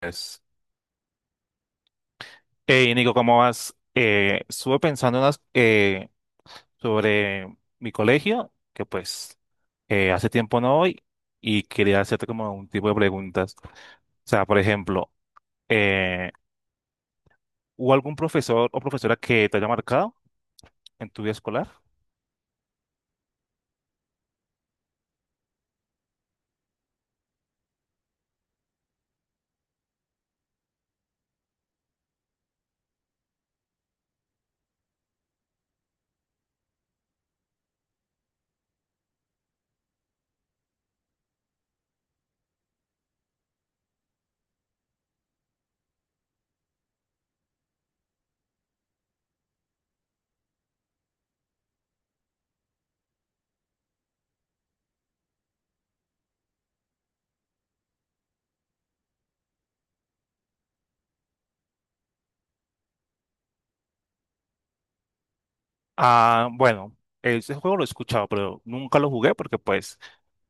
Pues, Hey, Nico, ¿cómo vas? Estuve pensando unas, sobre mi colegio, que pues hace tiempo no voy, y quería hacerte como un tipo de preguntas. O sea, por ejemplo, eh, ¿hubo algún profesor o profesora que te haya marcado en tu vida escolar? Ah, bueno, ese juego lo he escuchado, pero nunca lo jugué porque pues, o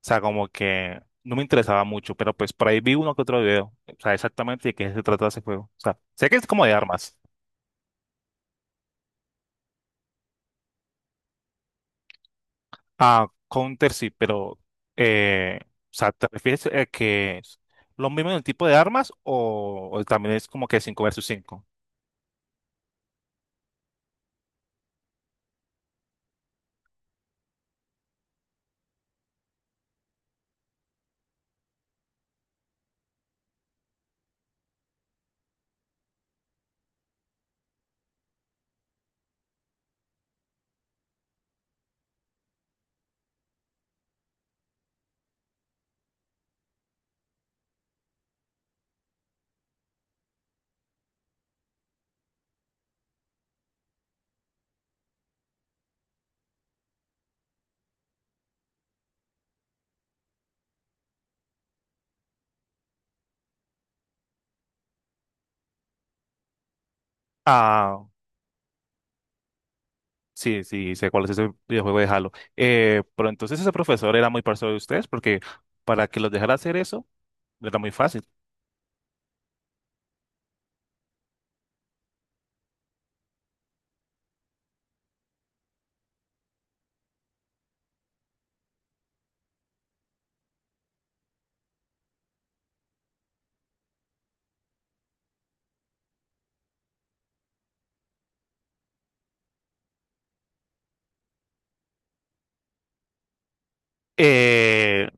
sea, como que no me interesaba mucho, pero pues por ahí vi uno que otro video, o sea, exactamente de qué se trata ese juego. O sea, sé que es como de armas. Ah, Counter sí, pero o sea, ¿te refieres a que es lo mismo en el tipo de armas o también es como que 5 versus cinco? Ah, sí, sí, sé cuál es ese videojuego de Halo. Pero entonces ese profesor era muy parcial de ustedes porque para que los dejara hacer eso era muy fácil. Eh,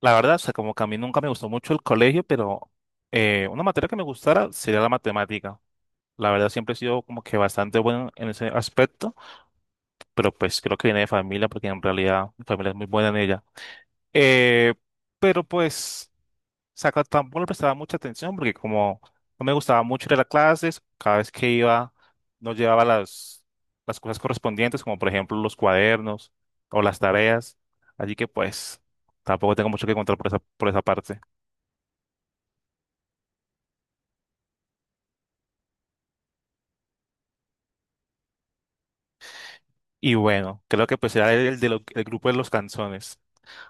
la verdad, o sea, como que a mí nunca me gustó mucho el colegio, pero una materia que me gustara sería la matemática. La verdad, siempre he sido como que bastante bueno en ese aspecto, pero pues creo que viene de familia porque en realidad mi familia es muy buena en ella. Eh, pero pues, saca tampoco le prestaba mucha atención porque como no me gustaba mucho ir a las clases, cada vez que iba no llevaba las cosas correspondientes, como por ejemplo los cuadernos o las tareas. Así que pues, tampoco tengo mucho que contar por esa parte. Y bueno, creo que pues era el, del grupo de los canzones.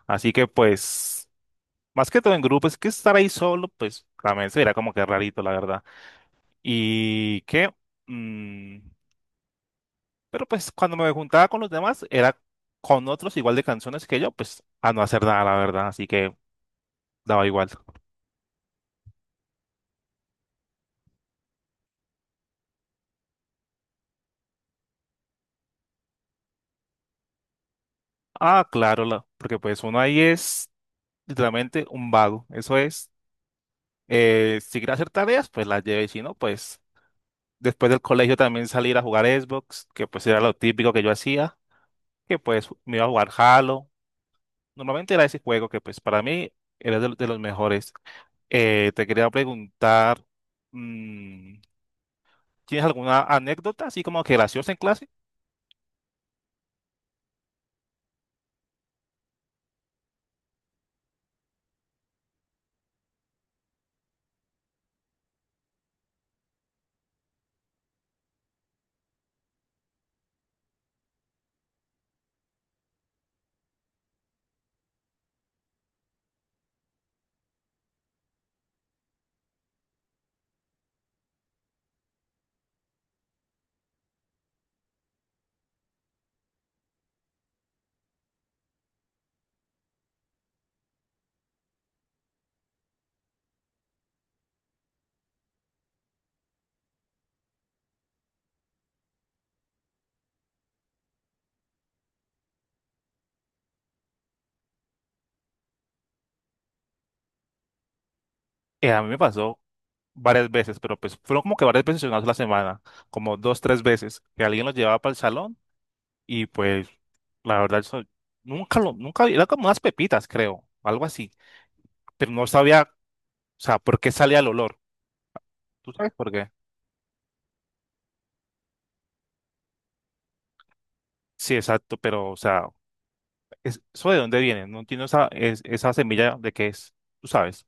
Así que pues, más que todo en grupo, es que estar ahí solo, pues, también se verá como que rarito, la verdad. Y que, mm, pero pues cuando me juntaba con los demás, era con otros igual de canciones que yo, pues a no hacer nada, la verdad, así que daba igual. Ah, claro, la- porque pues uno ahí es literalmente un vago, eso es. Si quiere hacer tareas, pues las lleve, y si no, pues después del colegio también salir a jugar Xbox, que pues era lo típico que yo hacía, que pues me iba a jugar Halo. Normalmente era ese juego que pues para mí era de los mejores. Te quería preguntar, mm, ¿tienes alguna anécdota así como que graciosa en clase? A mí me pasó varias veces, pero pues fueron como que varias veces en una sola semana, como dos, tres veces, que alguien los llevaba para el salón y pues la verdad eso nunca lo, nunca, era como unas pepitas creo, algo así, pero no sabía, o sea, por qué salía el olor. ¿Tú sabes por qué? Sí, exacto, pero o sea... es- ¿eso de dónde viene? No entiendo esa, es- esa semilla de qué es, tú sabes.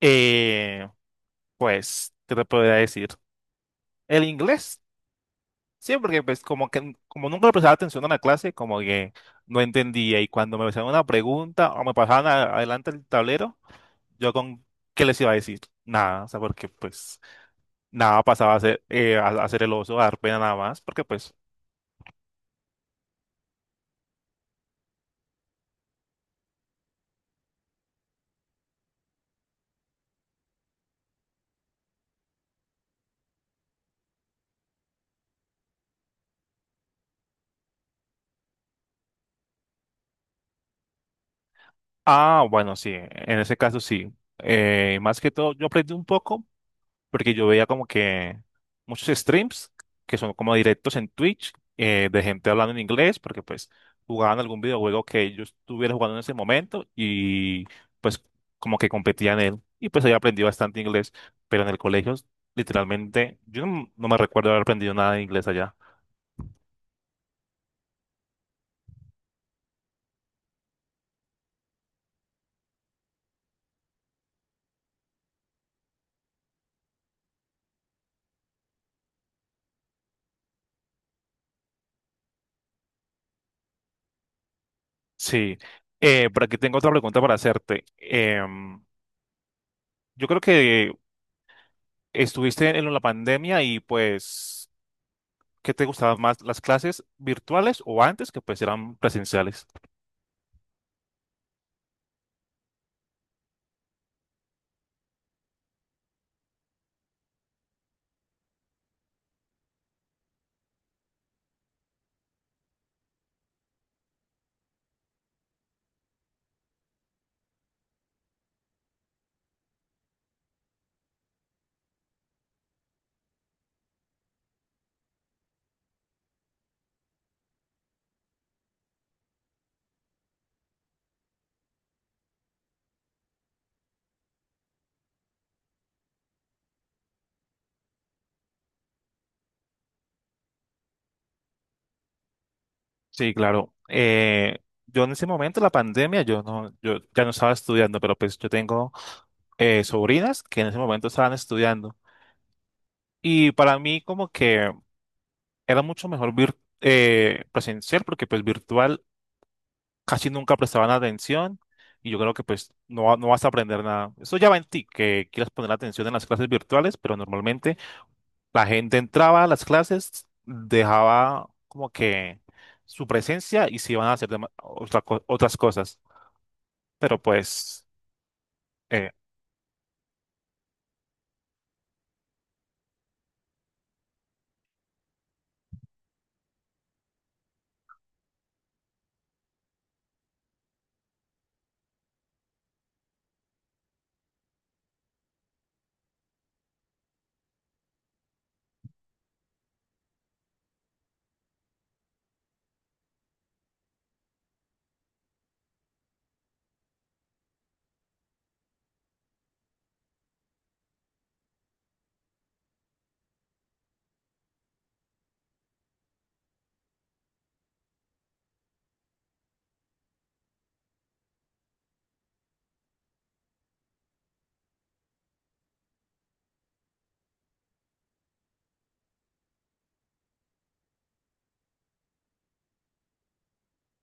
Eh, pues, ¿qué te podría decir? El inglés, sí, porque pues como que como nunca le prestaba atención a la clase, como que no entendía y cuando me hacían una pregunta o me pasaban a- adelante el tablero, yo con ¿qué les iba a decir? Nada, o sea, porque pues nada pasaba a ser el oso, a dar pena nada más, porque pues, ah, bueno, sí, en ese caso sí. Más que todo, yo aprendí un poco porque yo veía como que muchos streams, que son como directos en Twitch, de gente hablando en inglés, porque pues jugaban algún videojuego que yo estuviera jugando en ese momento y pues como que competía en él y pues ahí aprendí bastante inglés, pero en el colegio literalmente yo no, no me recuerdo haber aprendido nada de inglés allá. Sí, por aquí tengo otra pregunta para hacerte. Yo creo que estuviste en la pandemia y pues... ¿Qué te gustaban más, las clases virtuales o antes que pues eran presenciales? Sí, claro. Yo en ese momento, la pandemia, yo no, yo ya no estaba estudiando, pero pues yo tengo sobrinas que en ese momento estaban estudiando. Y para mí como que era mucho mejor vir- presencial porque pues virtual casi nunca prestaban atención y yo creo que pues no, va- no vas a aprender nada. Eso ya va en ti, que quieras poner atención en las clases virtuales, pero normalmente la gente entraba a las clases, dejaba como que su presencia y se iban a hacer dema- otra co- otras cosas. Pero pues, eh,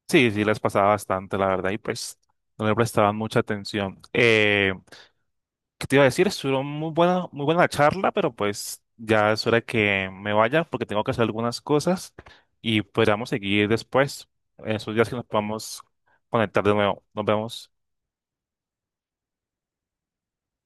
sí, sí les pasaba bastante, la verdad, y pues no le prestaban mucha atención. ¿Qué te iba a decir? Estuvo muy buena la charla, pero pues ya es hora que me vaya porque tengo que hacer algunas cosas y podríamos seguir después, en esos días que nos podamos conectar de nuevo. Nos vemos.